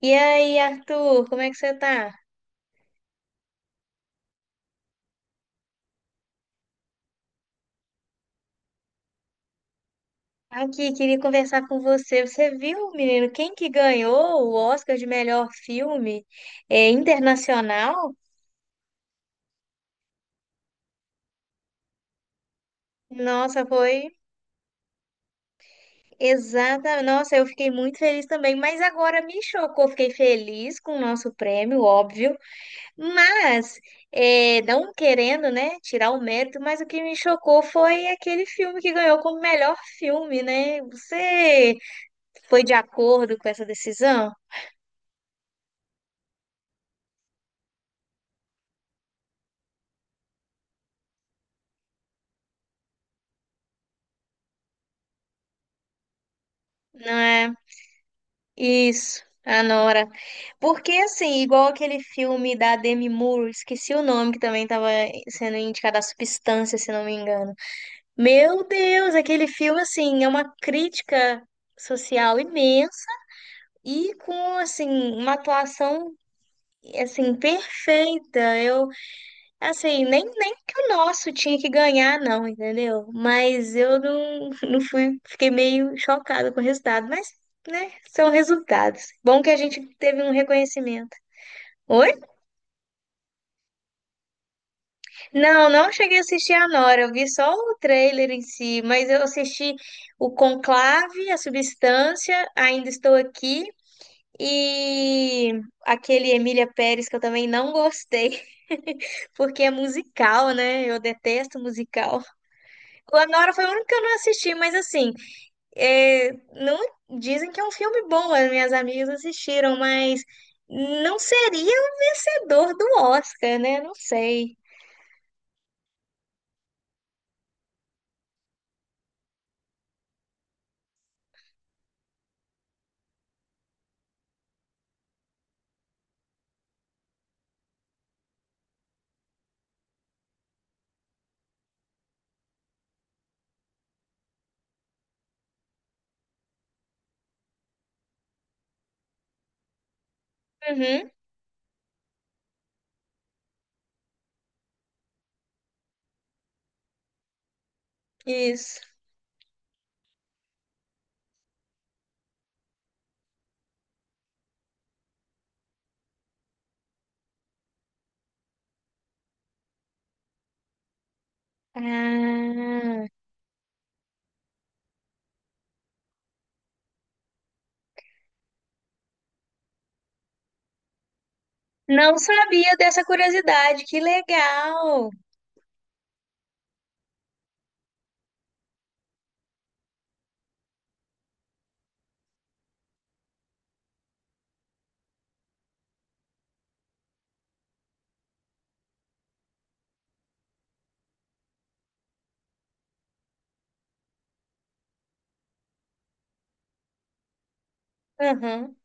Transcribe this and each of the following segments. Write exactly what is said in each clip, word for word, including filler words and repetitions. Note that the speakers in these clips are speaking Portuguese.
E aí, Arthur, como é que você tá? Aqui, queria conversar com você. Você viu, menino, quem que ganhou o Oscar de melhor filme é, internacional? Nossa, foi exata. Nossa, eu fiquei muito feliz também, mas agora me chocou. Fiquei feliz com o nosso prêmio, óbvio, mas é, não querendo, né, tirar o mérito, mas o que me chocou foi aquele filme que ganhou como melhor filme, né? Você foi de acordo com essa decisão? Não é? Isso, a Nora. Porque, assim, igual aquele filme da Demi Moore, esqueci o nome, que também estava sendo indicado a Substância, se não me engano. Meu Deus, aquele filme, assim, é uma crítica social imensa e com, assim, uma atuação, assim, perfeita. Eu assim, nem, nem que o nosso tinha que ganhar, não, entendeu? Mas eu não, não fui, fiquei meio chocada com o resultado, mas, né, são resultados. Bom que a gente teve um reconhecimento. Oi? Não, não cheguei a assistir a Nora, eu vi só o trailer em si, mas eu assisti o Conclave, a Substância, Ainda Estou Aqui e aquele Emília Pérez que eu também não gostei, porque é musical, né? Eu detesto musical. Clanora foi o único que eu não assisti, mas assim, é, não dizem que é um filme bom, as minhas amigas assistiram, mas não seria o vencedor do Oscar, né? Não sei. Uhum, isso. Ah, não sabia dessa curiosidade, que legal. Uhum.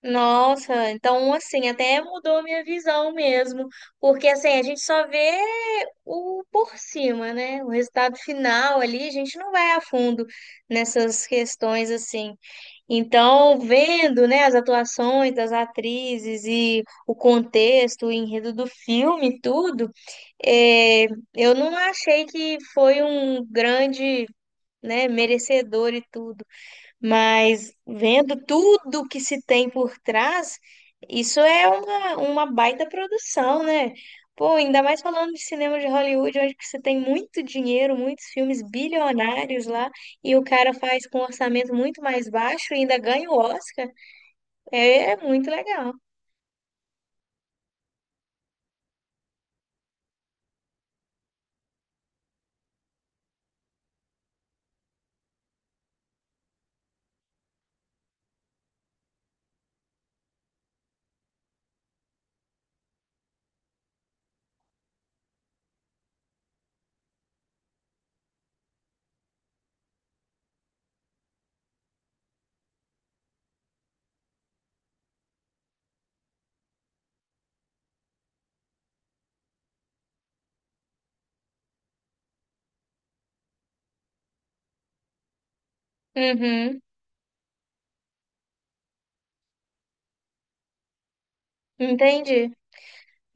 Nossa, então assim, até mudou a minha visão mesmo, porque assim, a gente só vê o por cima, né? O resultado final ali, a gente não vai a fundo nessas questões assim. Então, vendo, né, as atuações das atrizes e o contexto, o enredo do filme, e tudo, eh, eu não achei que foi um grande, né, merecedor e tudo. Mas vendo tudo que se tem por trás, isso é uma, uma baita produção, né? Pô, ainda mais falando de cinema de Hollywood, onde que você tem muito dinheiro, muitos filmes bilionários lá, e o cara faz com um orçamento muito mais baixo e ainda ganha o Oscar. É, é muito legal. Uhum, entendi.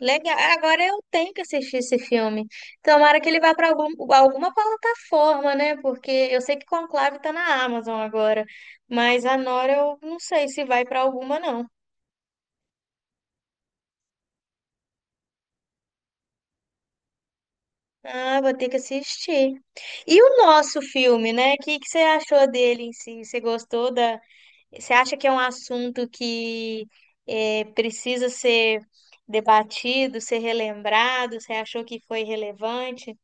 Legal. Agora eu tenho que assistir esse filme. Tomara que ele vá para algum, alguma plataforma, né? Porque eu sei que Conclave tá na Amazon agora, mas a Nora eu não sei se vai para alguma, não. Ah, vou ter que assistir. E o nosso filme, né? O que, que você achou dele em si? Você gostou da. Você acha que é um assunto que eh, precisa ser debatido, ser relembrado? Você achou que foi relevante?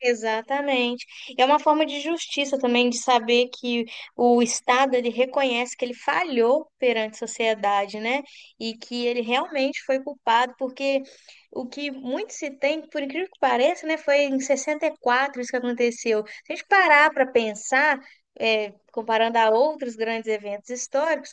Exatamente. É uma forma de justiça também de saber que o Estado ele reconhece que ele falhou perante a sociedade, né? E que ele realmente foi culpado, porque o que muito se tem, por incrível que pareça, né, foi em sessenta e quatro isso que aconteceu. Se a gente parar para pensar, é, comparando a outros grandes eventos históricos,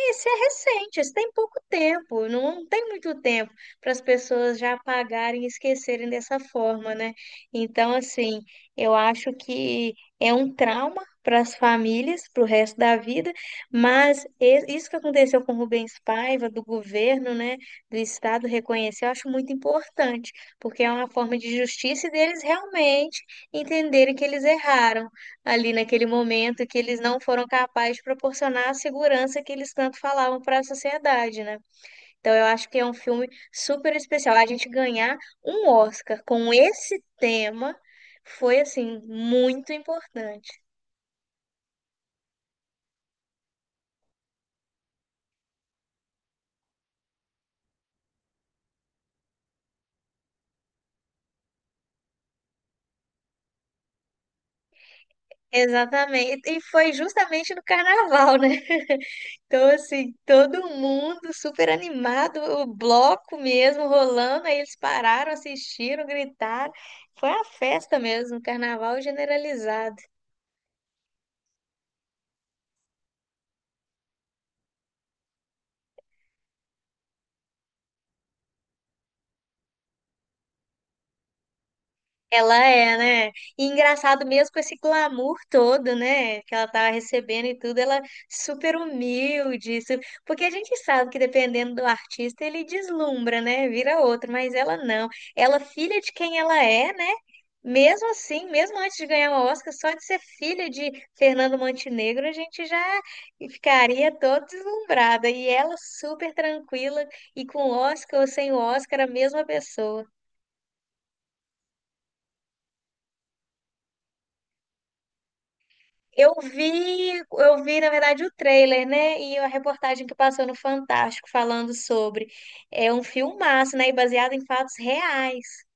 esse é recente, esse tem pouco tempo, não tem muito tempo para as pessoas já apagarem e esquecerem dessa forma, né? Então, assim, eu acho que é um trauma para as famílias, para o resto da vida, mas e- isso que aconteceu com Rubens Paiva, do governo, né, do Estado reconhecer, eu acho muito importante, porque é uma forma de justiça e deles realmente entenderem que eles erraram ali naquele momento que eles não foram capazes de proporcionar a segurança que eles tanto falavam para a sociedade, né? Então eu acho que é um filme super especial. A gente ganhar um Oscar com esse tema foi assim muito importante. Exatamente. E foi justamente no carnaval, né? Então, assim, todo mundo super animado, o bloco mesmo rolando, aí eles pararam, assistiram, gritaram. Foi uma festa mesmo, um carnaval generalizado. Ela é, né? E engraçado mesmo com esse glamour todo, né? Que ela tava recebendo e tudo, ela super humilde, su- porque a gente sabe que dependendo do artista ele deslumbra, né? Vira outro, mas ela não. Ela filha de quem ela é, né? Mesmo assim, mesmo antes de ganhar o Oscar, só de ser filha de Fernando Montenegro, a gente já ficaria todo deslumbrada. E ela super tranquila e com o Oscar ou sem o Oscar, a mesma pessoa. Eu vi, eu vi, na verdade, o trailer, né? E a reportagem que passou no Fantástico falando sobre. É um filmaço, né? E baseado em fatos reais.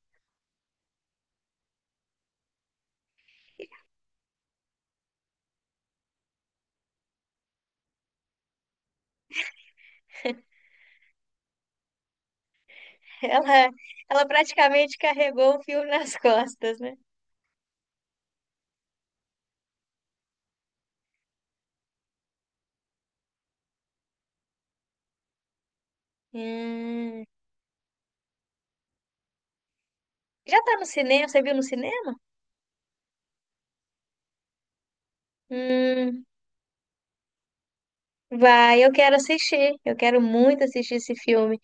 Ela, ela praticamente carregou o filme nas costas, né? Hum. Já tá no cinema? Você viu no cinema? Hum, vai, eu quero assistir. Eu quero muito assistir esse filme.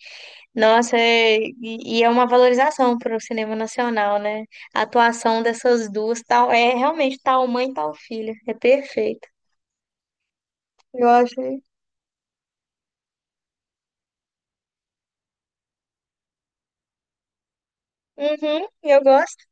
Nossa, é- e, e é uma valorização para o cinema nacional, né? A atuação dessas duas, tal, é realmente tal mãe, tal filha. É perfeito. Eu achei. Uhum, eu gosto.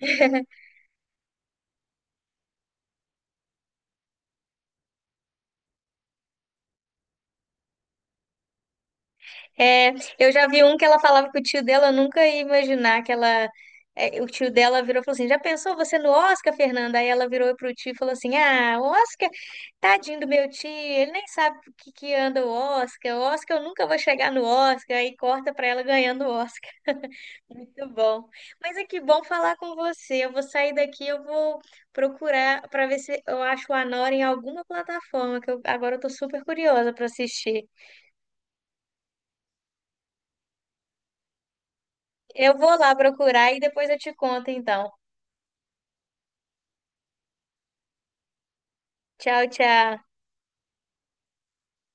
É, eu já vi um que ela falava que o tio dela nunca ia imaginar que ela. É, o tio dela virou e falou assim: Já pensou você no Oscar, Fernanda? Aí ela virou pro tio e falou assim: Ah, o Oscar, tadinho do meu tio, ele nem sabe o que, que anda o Oscar, o Oscar, eu nunca vou chegar no Oscar. Aí corta pra ela ganhando o Oscar. Muito bom. Mas é que bom falar com você. Eu vou sair daqui, eu vou procurar para ver se eu acho o Anora em alguma plataforma, que eu, agora eu tô super curiosa para assistir. Eu vou lá procurar e depois eu te conto, então. Tchau, tchau.